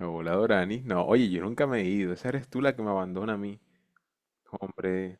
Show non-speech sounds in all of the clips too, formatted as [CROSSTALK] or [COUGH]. Hola Dorani. No, oye, yo nunca me he ido. Esa eres tú la que me abandona a mí. Hombre,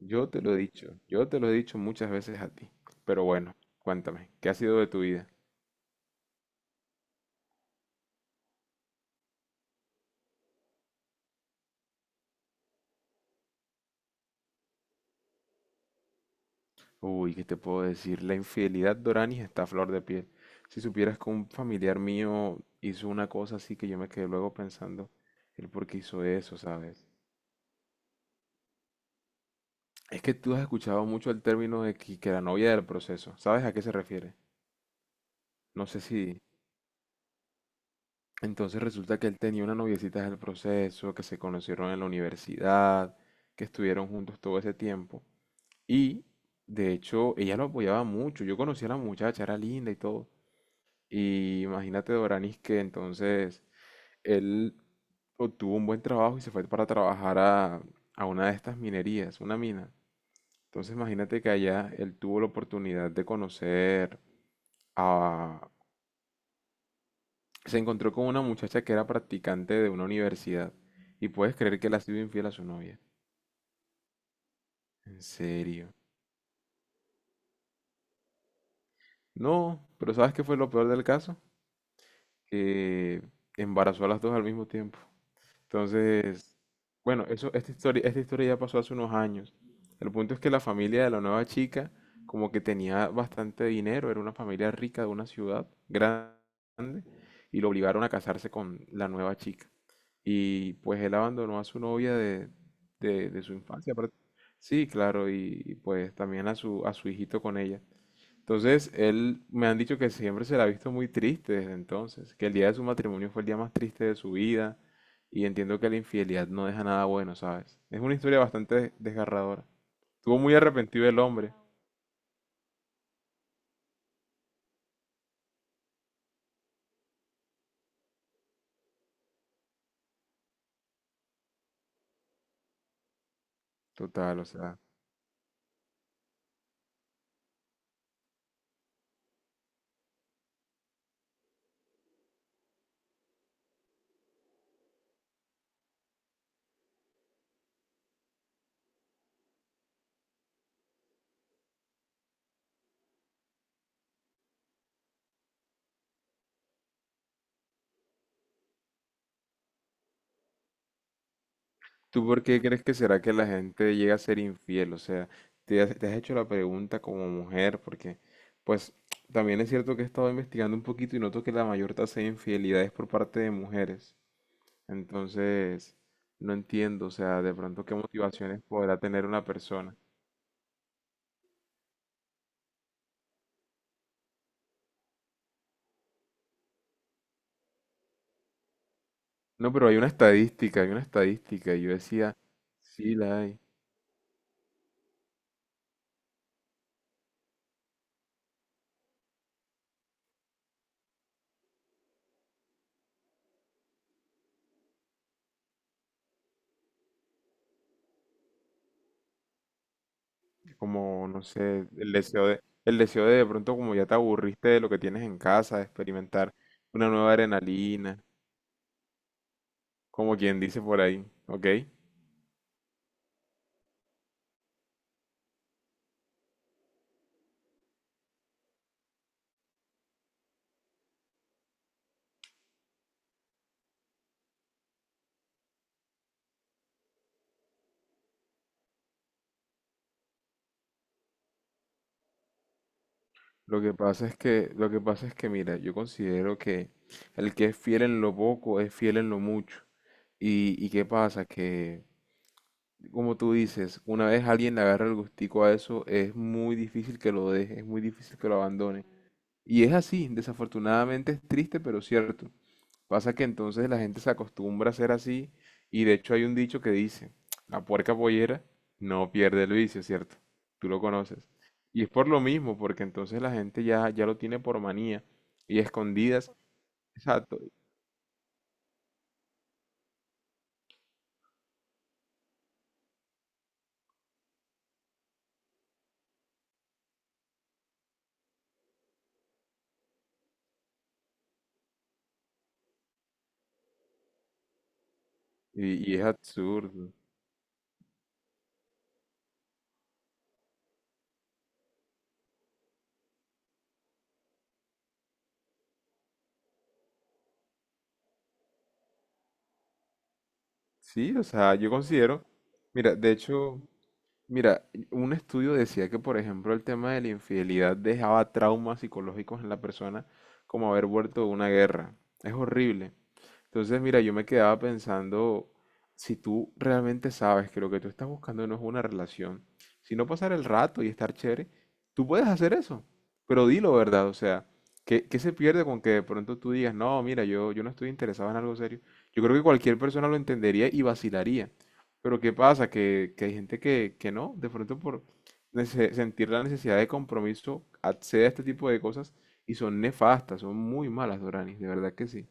yo te lo he dicho. Yo te lo he dicho muchas veces a ti. Pero bueno, cuéntame, ¿qué ha sido de tu vida? Uy, ¿qué te puedo decir? La infidelidad, Dorani, está a flor de piel. Si supieras que un familiar mío hizo una cosa así que yo me quedé luego pensando el por qué hizo eso, ¿sabes? Es que tú has escuchado mucho el término de que la novia del proceso. ¿Sabes a qué se refiere? No sé si. Entonces resulta que él tenía una noviecita del proceso, que se conocieron en la universidad, que estuvieron juntos todo ese tiempo. Y de hecho ella lo apoyaba mucho. Yo conocí a la muchacha, era linda y todo. Y imagínate, Doranis, que entonces él obtuvo un buen trabajo y se fue para trabajar a una de estas minerías, una mina. Entonces imagínate que allá él tuvo la oportunidad de conocer a Se encontró con una muchacha que era practicante de una universidad y puedes creer que le ha sido infiel a su novia. En serio. No, pero ¿sabes qué fue lo peor del caso? Que embarazó a las dos al mismo tiempo. Entonces, bueno, eso, esta historia ya pasó hace unos años. El punto es que la familia de la nueva chica como que tenía bastante dinero, era una familia rica de una ciudad grande y lo obligaron a casarse con la nueva chica. Y pues él abandonó a su novia de su infancia. Sí, claro, pues también a su hijito con ella. Entonces, él, me han dicho que siempre se la ha visto muy triste desde entonces, que el día de su matrimonio fue el día más triste de su vida, y entiendo que la infidelidad no deja nada bueno, ¿sabes? Es una historia bastante desgarradora. Estuvo muy arrepentido el hombre. Total, o sea. ¿Tú por qué crees que será que la gente llega a ser infiel? O sea, te has hecho la pregunta como mujer, porque pues también es cierto que he estado investigando un poquito y noto que la mayor tasa de infidelidad es por parte de mujeres. Entonces, no entiendo, o sea, de pronto qué motivaciones podrá tener una persona. No, pero hay una estadística, y yo decía, sí la hay, como, no sé, el deseo de pronto como ya te aburriste de lo que tienes en casa, de experimentar una nueva adrenalina. Como quien dice por ahí, ¿ok? Lo que pasa es que, lo que pasa es que, mira, yo considero que el que es fiel en lo poco es fiel en lo mucho. Y qué pasa, que, como tú dices, una vez alguien le agarra el gustico a eso, es muy difícil que lo deje, es muy difícil que lo abandone. Y es así, desafortunadamente es triste, pero cierto. Pasa que entonces la gente se acostumbra a ser así y de hecho hay un dicho que dice, la puerca pollera no pierde el vicio, ¿cierto? Tú lo conoces. Y es por lo mismo, porque entonces la gente ya lo tiene por manía y escondidas, exacto, y es absurdo. Sí, o sea, yo considero, mira, de hecho, mira, un estudio decía que, por ejemplo, el tema de la infidelidad dejaba traumas psicológicos en la persona como haber vuelto de una guerra. Es horrible. Entonces, mira, yo me quedaba pensando, si tú realmente sabes que lo que tú estás buscando no es una relación, sino pasar el rato y estar chévere, tú puedes hacer eso, pero dilo, ¿verdad? O sea, ¿qué se pierde con que de pronto tú digas, no, mira, yo no estoy interesado en algo serio? Yo creo que cualquier persona lo entendería y vacilaría. Pero ¿qué pasa? Que hay gente que no, de pronto por sentir la necesidad de compromiso, accede a este tipo de cosas y son nefastas, son muy malas, Doranis, de verdad que sí.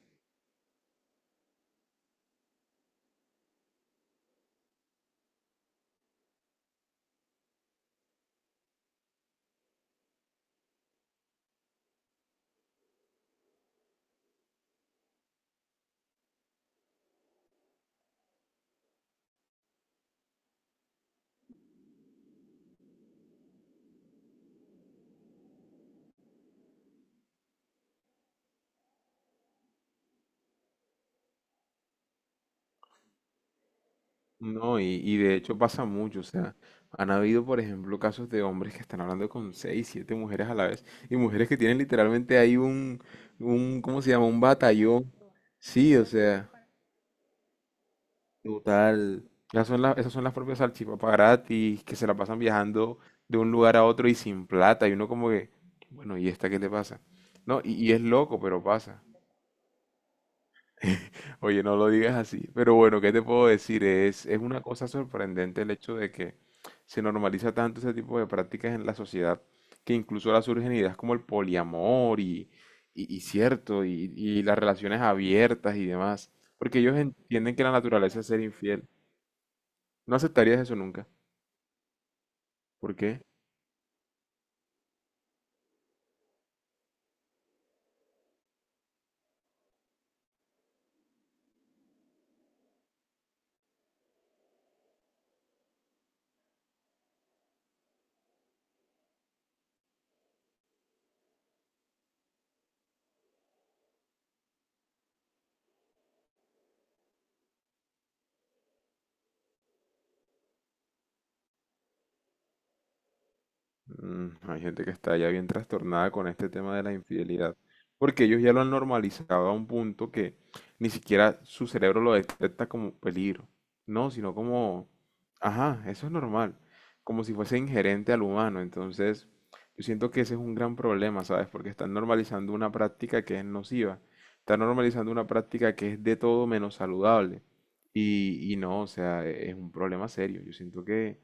No, y de hecho pasa mucho, o sea, han habido, por ejemplo, casos de hombres que están hablando con seis, siete mujeres a la vez, y mujeres que tienen literalmente ahí ¿cómo se llama? Un batallón. Sí, o sea, total. Esas son las propias salchipapas gratis, que se la pasan viajando de un lugar a otro y sin plata, y uno como que, bueno, ¿y esta qué le pasa? No, y es loco, pero pasa. [LAUGHS] Oye, no lo digas así. Pero bueno, ¿qué te puedo decir? Es una cosa sorprendente el hecho de que se normaliza tanto ese tipo de prácticas en la sociedad que incluso ahora surgen ideas como el poliamor y cierto, y las relaciones abiertas y demás. Porque ellos entienden que la naturaleza es ser infiel. No aceptarías eso nunca. ¿Por qué? Mm, hay gente que está ya bien trastornada con este tema de la infidelidad, porque ellos ya lo han normalizado a un punto que ni siquiera su cerebro lo detecta como peligro, no, sino como, ajá, eso es normal, como si fuese inherente al humano. Entonces, yo siento que ese es un gran problema, ¿sabes? Porque están normalizando una práctica que es nociva, están normalizando una práctica que es de todo menos saludable. Y no, o sea, es un problema serio. Yo siento que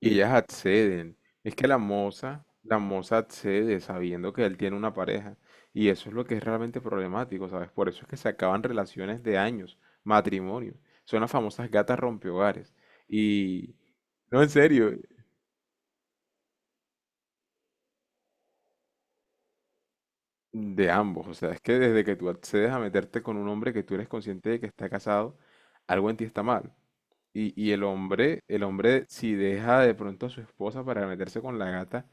y ellas acceden. Es que la moza accede sabiendo que él tiene una pareja. Y eso es lo que es realmente problemático, ¿sabes? Por eso es que se acaban relaciones de años, matrimonios. Son las famosas gatas rompehogares. Y no, en serio, de ambos. O sea, es que desde que tú accedes a meterte con un hombre que tú eres consciente de que está casado, algo en ti está mal. Y el hombre, si deja de pronto a su esposa para meterse con la gata,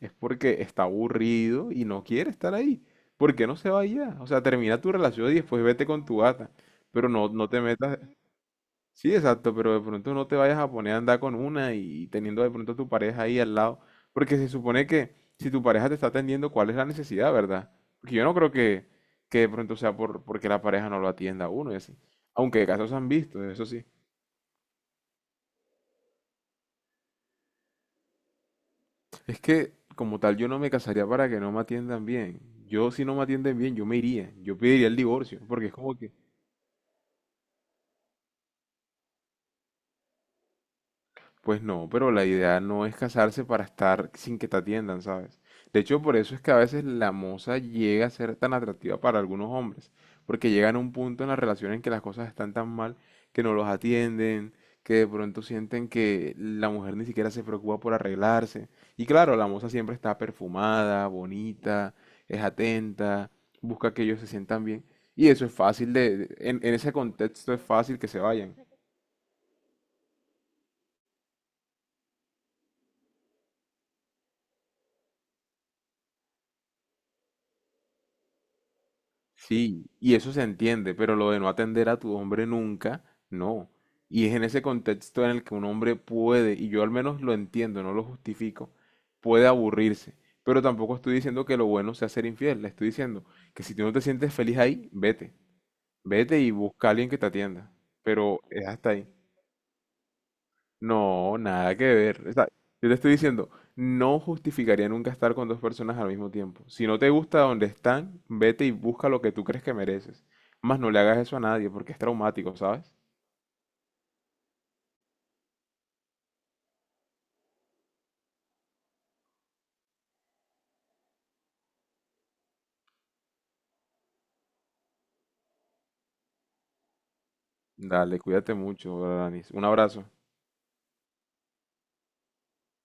es porque está aburrido y no quiere estar ahí. ¿Por qué no se va ya? O sea, termina tu relación y después vete con tu gata. Pero no, no te metas. Sí, exacto, pero de pronto no te vayas a poner a andar con una y teniendo de pronto a tu pareja ahí al lado. Porque se supone que si tu pareja te está atendiendo, ¿cuál es la necesidad, verdad? Porque yo no creo que de pronto sea por, porque la pareja no lo atienda a uno y así. Aunque casos se han visto, eso sí. Es que, como tal, yo no me casaría para que no me atiendan bien. Yo, si no me atienden bien, yo me iría. Yo pediría el divorcio, porque es como que pues no, pero la idea no es casarse para estar sin que te atiendan, ¿sabes? De hecho, por eso es que a veces la moza llega a ser tan atractiva para algunos hombres, porque llegan a un punto en la relación en que las cosas están tan mal que no los atienden, que de pronto sienten que la mujer ni siquiera se preocupa por arreglarse. Y claro, la moza siempre está perfumada, bonita, es atenta, busca que ellos se sientan bien. Y eso es fácil en ese contexto es fácil que se vayan. Sí, y eso se entiende, pero lo de no atender a tu hombre nunca, no. Y es en ese contexto en el que un hombre puede, y yo al menos lo entiendo, no lo justifico, puede aburrirse. Pero tampoco estoy diciendo que lo bueno sea ser infiel, le estoy diciendo que si tú no te sientes feliz ahí, vete, vete y busca a alguien que te atienda. Pero es hasta ahí. No, nada que ver. O sea, yo te estoy diciendo, no justificaría nunca estar con dos personas al mismo tiempo. Si no te gusta donde están, vete y busca lo que tú crees que mereces. Más no le hagas eso a nadie porque es traumático, ¿sabes? Dale, cuídate mucho, Danis. Un abrazo.